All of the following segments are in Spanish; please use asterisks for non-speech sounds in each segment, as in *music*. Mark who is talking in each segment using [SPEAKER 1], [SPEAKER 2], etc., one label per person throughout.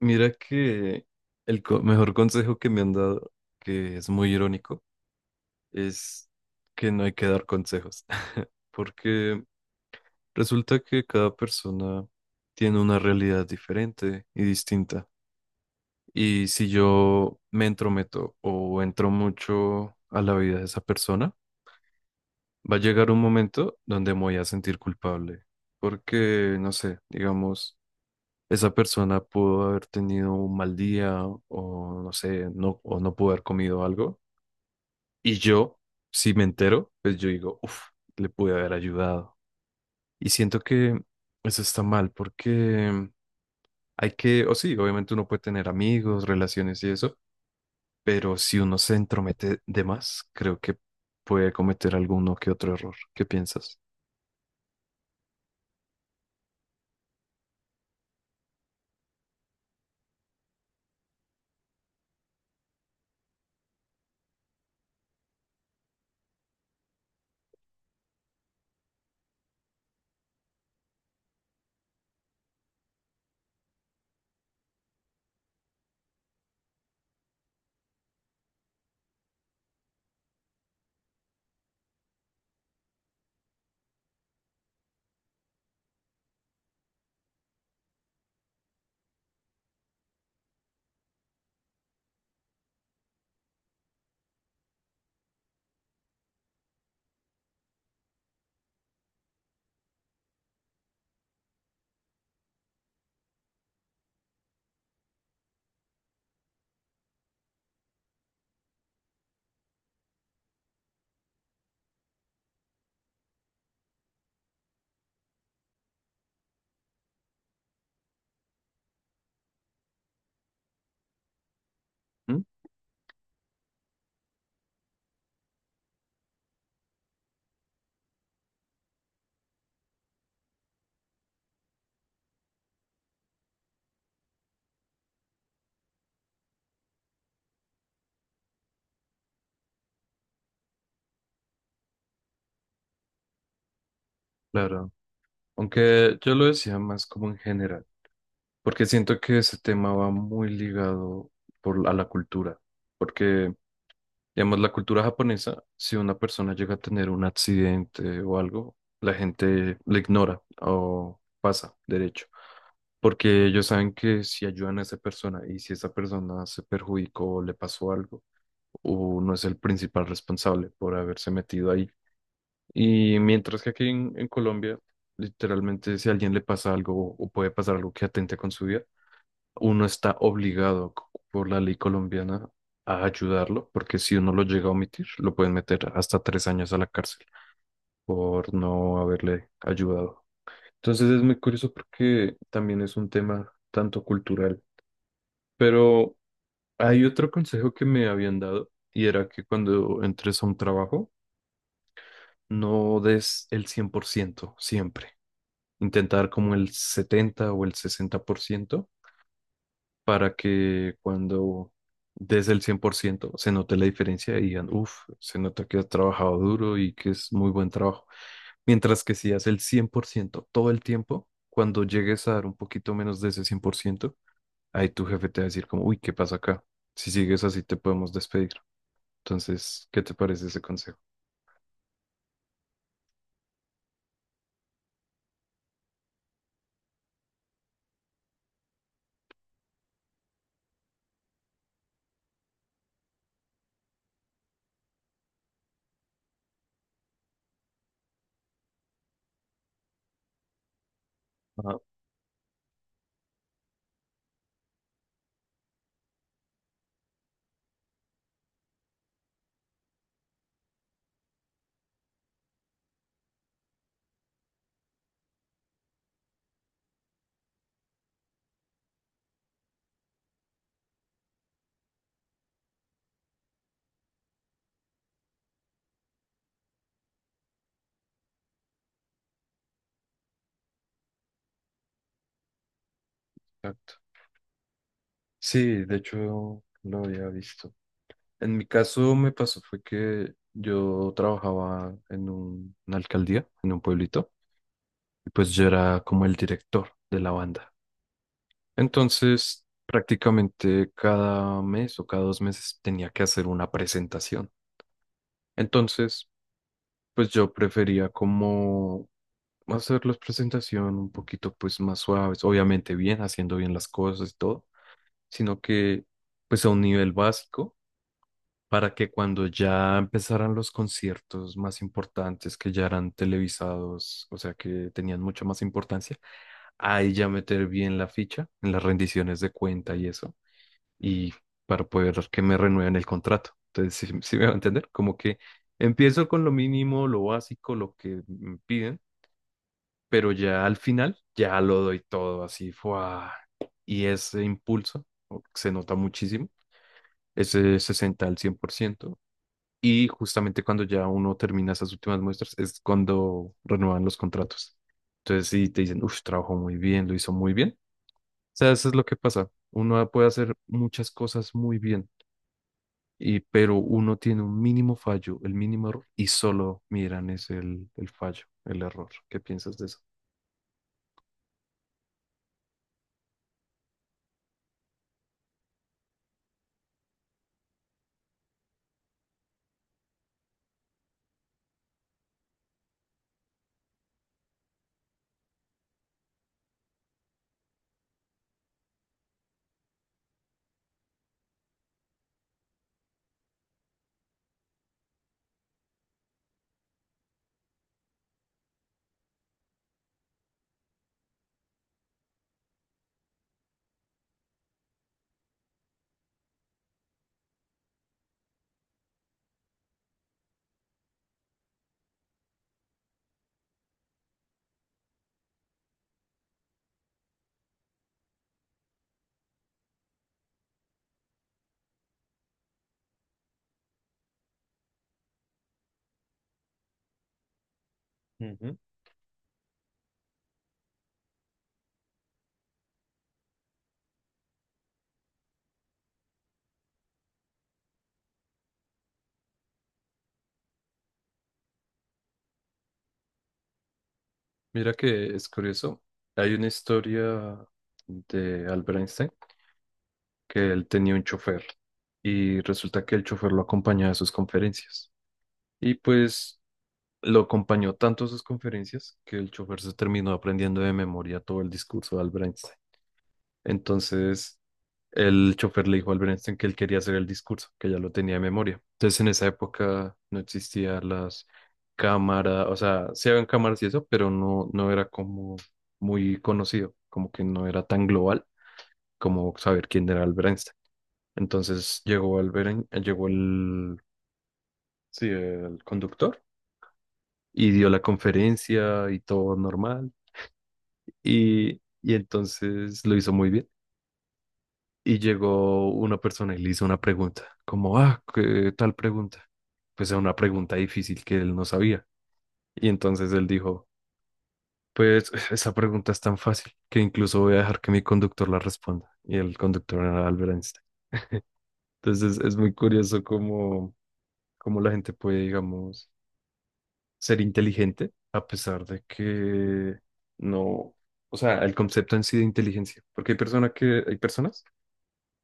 [SPEAKER 1] Mira que mejor consejo que me han dado, que es muy irónico, es que no hay que dar consejos, *laughs* porque resulta que cada persona tiene una realidad diferente y distinta. Y si yo me entrometo o entro mucho a la vida de esa persona, va a llegar un momento donde me voy a sentir culpable, porque, no sé, digamos, esa persona pudo haber tenido un mal día o no sé, no, o no pudo haber comido algo. Y yo, si me entero, pues yo digo, uff, le pude haber ayudado. Y siento que eso está mal porque o sí, obviamente uno puede tener amigos, relaciones y eso, pero si uno se entromete de más, creo que puede cometer alguno que otro error. ¿Qué piensas? ¿Mm? Claro. Aunque yo lo decía más como en general. Porque siento que ese tema va muy ligado por, a la cultura. Porque, digamos, la cultura japonesa, si una persona llega a tener un accidente o algo, la gente le ignora o pasa derecho. Porque ellos saben que si ayudan a esa persona y si esa persona se perjudicó o le pasó algo, uno es el principal responsable por haberse metido ahí. Y mientras que aquí en Colombia, literalmente, si a alguien le pasa algo o puede pasar algo que atente con su vida, uno está obligado por la ley colombiana a ayudarlo, porque si uno lo llega a omitir, lo pueden meter hasta 3 años a la cárcel por no haberle ayudado. Entonces es muy curioso porque también es un tema tanto cultural. Pero hay otro consejo que me habían dado y era que cuando entres a un trabajo, no des el 100% siempre. Intentar como el 70 o el 60%, para que cuando des el 100% se note la diferencia y digan, uff, se nota que has trabajado duro y que es muy buen trabajo. Mientras que si haces el 100% todo el tiempo, cuando llegues a dar un poquito menos de ese 100%, ahí tu jefe te va a decir como, uy, ¿qué pasa acá? Si sigues así te podemos despedir. Entonces, ¿qué te parece ese consejo? Ah, exacto. Sí, de hecho lo había visto. En mi caso me pasó fue que yo trabajaba en una alcaldía, en un pueblito, y pues yo era como el director de la banda. Entonces, prácticamente cada mes o cada 2 meses tenía que hacer una presentación. Entonces, pues yo prefería como hacer las presentaciones un poquito pues más suaves, obviamente bien, haciendo bien las cosas y todo, sino que pues a un nivel básico para que cuando ya empezaran los conciertos más importantes que ya eran televisados, o sea que tenían mucha más importancia, ahí ya meter bien la ficha en las rendiciones de cuenta y eso, y para poder que me renueven el contrato. Entonces, ¿si me va a entender? Como que empiezo con lo mínimo, lo básico, lo que me piden, pero ya al final ya lo doy todo así, ¡fua! Y ese impulso se nota muchísimo, ese 60 al 100%. Y justamente cuando ya uno termina esas últimas muestras es cuando renuevan los contratos. Entonces, si te dicen, uff, trabajó muy bien, lo hizo muy bien, sea, eso es lo que pasa. Uno puede hacer muchas cosas muy bien, y, pero uno tiene un mínimo fallo, el mínimo error, y solo miran es el fallo, el error. ¿Qué piensas de eso? Ujú. Mira que es curioso. Hay una historia de Albert Einstein que él tenía un chofer y resulta que el chofer lo acompañaba a sus conferencias. Y pues lo acompañó tanto a sus conferencias que el chofer se terminó aprendiendo de memoria todo el discurso de Albert Einstein. Entonces, el chofer le dijo al Bernstein que él quería hacer el discurso, que ya lo tenía de memoria. Entonces, en esa época no existían las cámaras, o sea, sí habían cámaras y eso, pero no, no era como muy conocido, como que no era tan global como saber quién era el Bernstein. Entonces, llegó el, sí, el conductor y dio la conferencia y todo normal. Y, y entonces lo hizo muy bien, y llegó una persona y le hizo una pregunta, como, ah, ¿qué tal pregunta? Pues era una pregunta difícil que él no sabía. Y entonces él dijo, pues *sighs* esa pregunta es tan fácil que incluso voy a dejar que mi conductor la responda. Y el conductor era Albert Einstein. Entonces es muy curioso cómo la gente puede, digamos, ser inteligente a pesar de que no, o sea, el concepto en sí de inteligencia, porque hay personas que, hay personas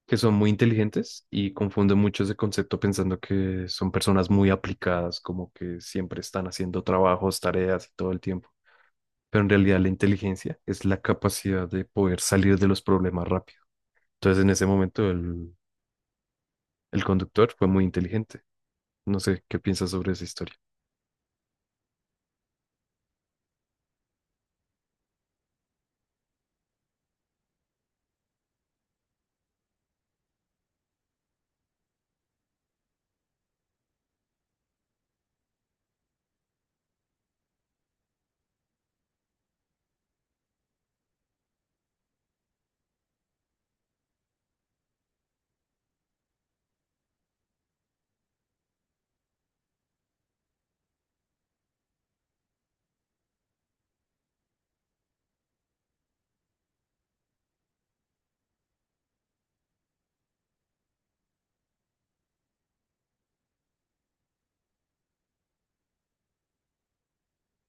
[SPEAKER 1] que son muy inteligentes y confunden mucho ese concepto pensando que son personas muy aplicadas, como que siempre están haciendo trabajos, tareas y todo el tiempo. Pero en realidad la inteligencia es la capacidad de poder salir de los problemas rápido. Entonces en ese momento el conductor fue muy inteligente. No sé qué piensas sobre esa historia.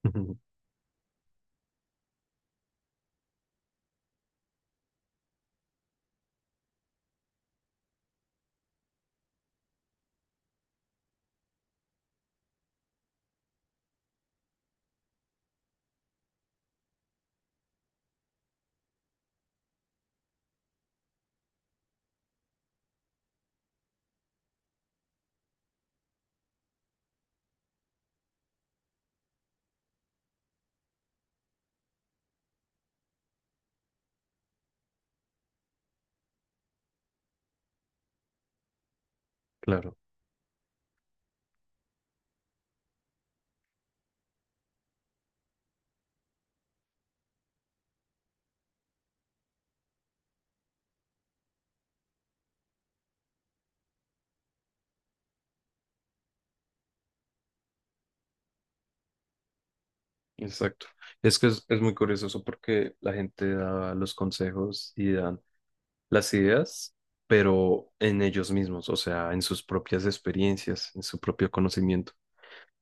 [SPEAKER 1] *laughs* Claro, exacto. Es que es muy curioso eso porque la gente da los consejos y dan las ideas, pero en ellos mismos, o sea, en sus propias experiencias, en su propio conocimiento.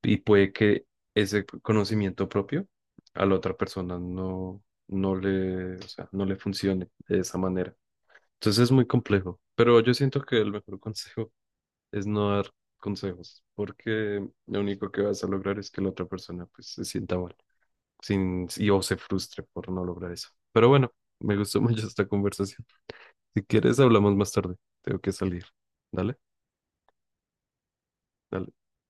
[SPEAKER 1] Y puede que ese conocimiento propio a la otra persona no le, o sea, no le funcione de esa manera. Entonces es muy complejo, pero yo siento que el mejor *laughs* consejo es no dar consejos, porque lo único que vas a lograr es que la otra persona pues se sienta mal sin, y o se frustre por no lograr eso. Pero bueno, me gustó *laughs* mucho esta conversación. Si quieres, hablamos más tarde. Tengo que salir. Dale, dale.